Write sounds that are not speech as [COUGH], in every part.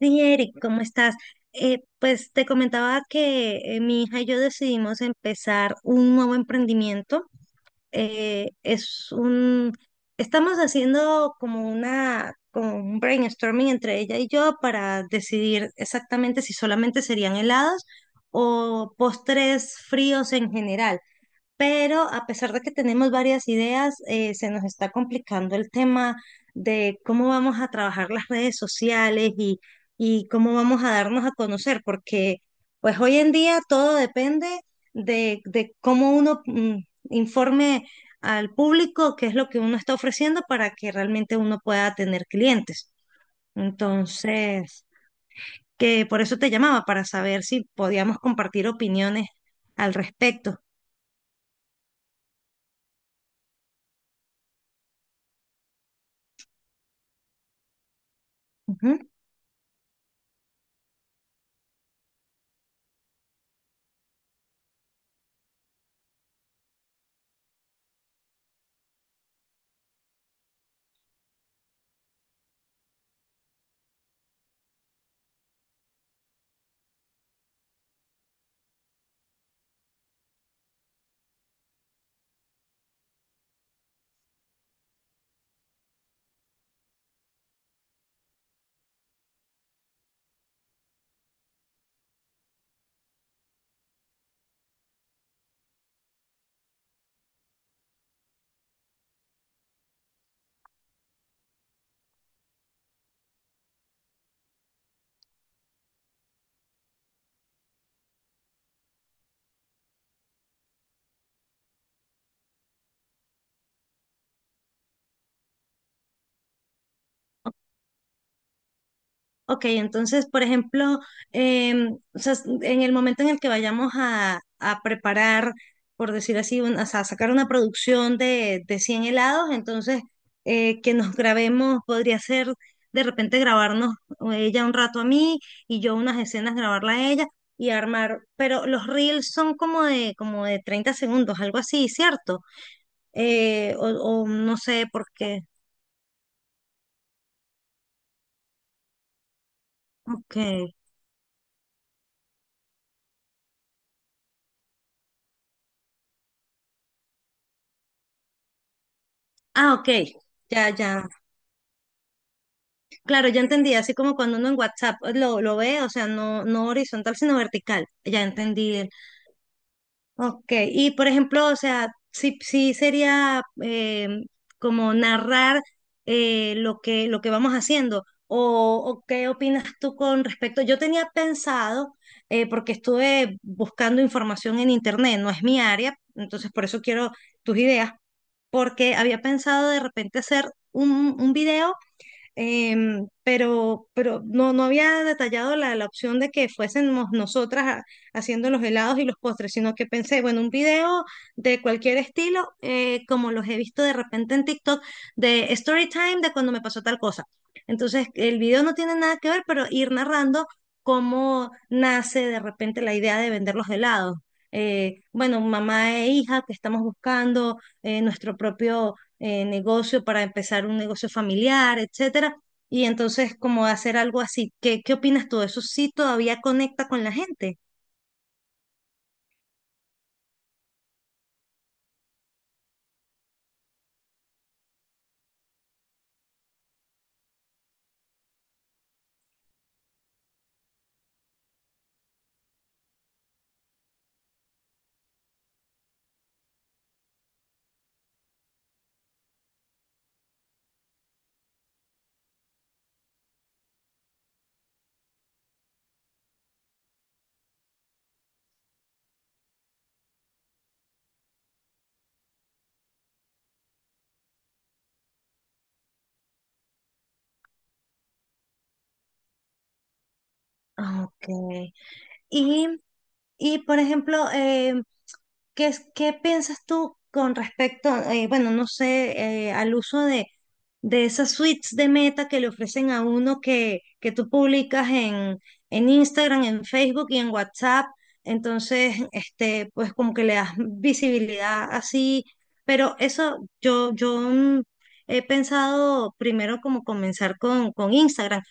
Sí, Eric, ¿cómo estás? Pues te comentaba que mi hija y yo decidimos empezar un nuevo emprendimiento. Eh, es un, Estamos haciendo como una, como un brainstorming entre ella y yo para decidir exactamente si solamente serían helados o postres fríos en general, pero a pesar de que tenemos varias ideas, se nos está complicando el tema de cómo vamos a trabajar las redes sociales, y cómo vamos a darnos a conocer, porque pues hoy en día todo depende de cómo uno informe al público qué es lo que uno está ofreciendo para que realmente uno pueda tener clientes. Entonces, que por eso te llamaba, para saber si podíamos compartir opiniones al respecto. Ujú. Ok, entonces, por ejemplo, o sea, en el momento en el que vayamos a preparar, por decir así, o sea, sacar una producción de 100 helados. Entonces, que nos grabemos, podría ser de repente grabarnos ella un rato a mí y yo unas escenas grabarla a ella y armar, pero los reels son como de 30 segundos, algo así, ¿cierto? O no sé por qué. Ok. Ah, ok. Ya, ya. Claro, ya entendí, así como cuando uno en WhatsApp pues, lo ve, o sea, no horizontal, sino vertical. Ya entendí. Ok, y por ejemplo, o sea, sí sería como narrar lo que vamos haciendo. O qué opinas tú con respecto? Yo tenía pensado, porque estuve buscando información en internet, no es mi área, entonces por eso quiero tus ideas, porque había pensado de repente hacer un, un video, pero no había detallado la opción de que fuésemos nosotras haciendo los helados y los postres, sino que pensé, bueno, un video de cualquier estilo, como los he visto de repente en TikTok, de story time, de cuando me pasó tal cosa. Entonces, el video no tiene nada que ver, pero ir narrando cómo nace de repente la idea de vender los helados. Bueno, mamá e hija, que estamos buscando nuestro propio negocio, para empezar un negocio familiar, etcétera. Y entonces, como hacer algo así. ¿Qué opinas tú? ¿Eso sí todavía conecta con la gente? Ah, Ok. Y, y por ejemplo, ¿Qué piensas tú con respecto, bueno, no sé, al uso de esas suites de meta que le ofrecen a uno, que tú publicas en Instagram, en Facebook y en WhatsApp? Entonces, este, pues como que le das visibilidad así, pero eso yo, he pensado primero como comenzar con Instagram,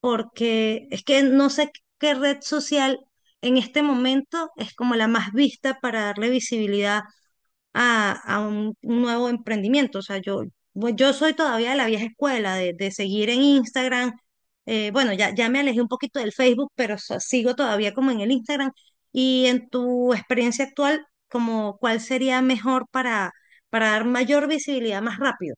porque es que no sé qué red social en este momento es como la más vista para darle visibilidad a un nuevo emprendimiento. O sea, yo, yo soy todavía de la vieja escuela, de seguir en Instagram. Bueno, ya, ya me alejé un poquito del Facebook, pero sigo todavía como en el Instagram. Y en tu experiencia actual, como, ¿cuál sería mejor para, dar mayor visibilidad más rápido?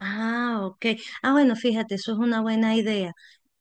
Ah, ok. Ah, bueno, fíjate, eso es una buena idea.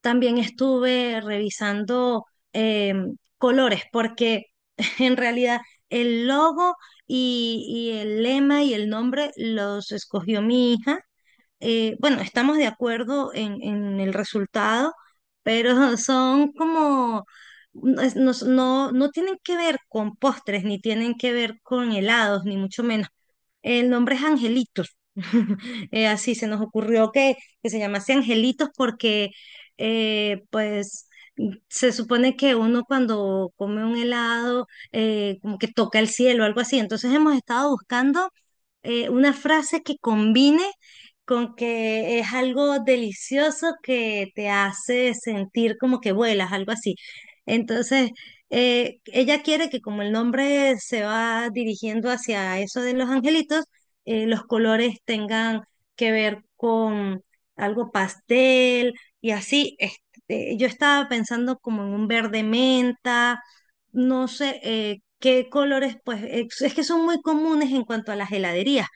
También estuve revisando eh, colores, porque [LAUGHS] en realidad el logo y, y el lema y el nombre los escogió mi hija. Bueno, estamos de acuerdo en, el resultado, pero [LAUGHS] son como, no, es- no, no tienen que ver con postres, ni tienen que ver con helados, ni mucho menos. El nombre es Angelitos. [LAUGHS] Así se nos ocurrió que se llamase Angelitos, porque, pues, se supone que uno cuando come un helado, como que toca el cielo, algo así. Entonces hemos estado buscando una frase que combine con que es algo delicioso que te hace sentir como que vuelas, algo así. Entonces, ella quiere que, como el nombre se va dirigiendo hacia eso de los angelitos, los colores tengan que ver con algo pastel y así. Este, yo estaba pensando como en un verde menta, no sé qué colores, pues es que son muy comunes en cuanto a las heladerías.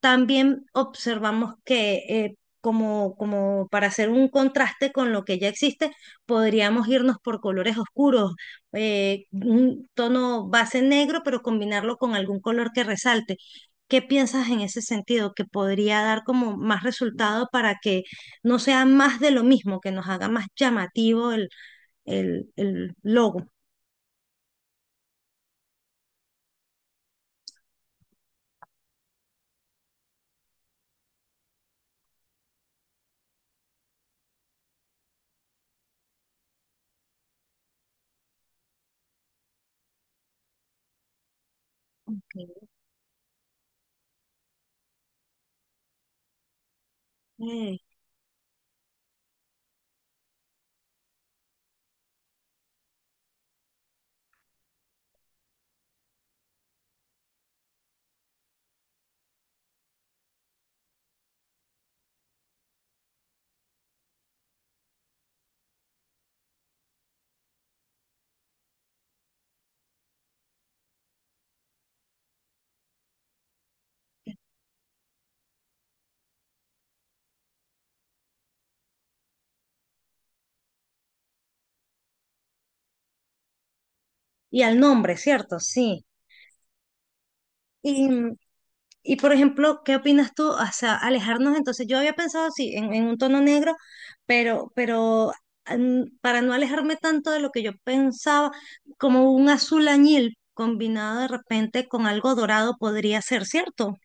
También observamos que como, para hacer un contraste con lo que ya existe, podríamos irnos por colores oscuros, un tono base negro, pero combinarlo con algún color que resalte. ¿Qué piensas en ese sentido? Que podría dar como más resultado para que no sea más de lo mismo, que nos haga más llamativo el logo. Ok. Y al nombre, ¿cierto? Sí. Y, y por ejemplo, ¿qué opinas tú? O sea, alejarnos, entonces yo había pensado, sí, en, un tono negro, pero para no alejarme tanto de lo que yo pensaba, como un azul añil combinado de repente con algo dorado, podría ser, ¿cierto?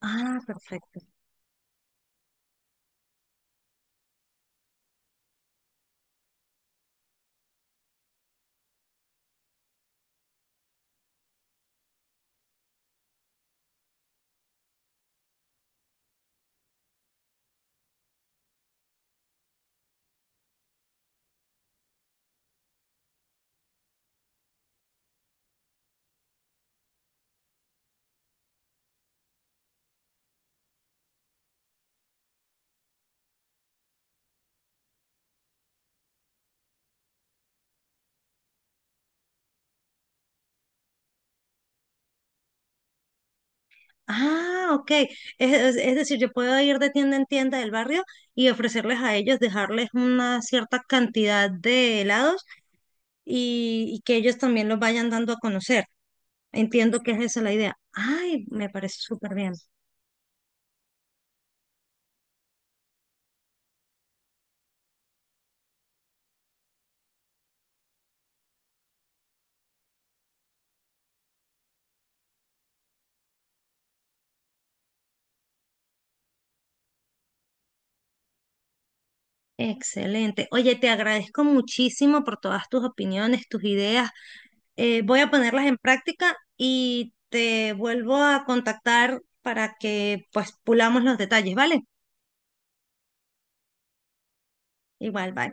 Ah, perfecto. Ah, ok. Es decir, yo puedo ir de tienda en tienda del barrio y ofrecerles a ellos, dejarles una cierta cantidad de helados, y que ellos también los vayan dando a conocer. Entiendo que es esa la idea. Ay, me parece súper bien. Excelente. Oye, te agradezco muchísimo por todas tus opiniones, tus ideas. Voy a ponerlas en práctica y te vuelvo a contactar para que pues pulamos los detalles, ¿vale? Igual, bye.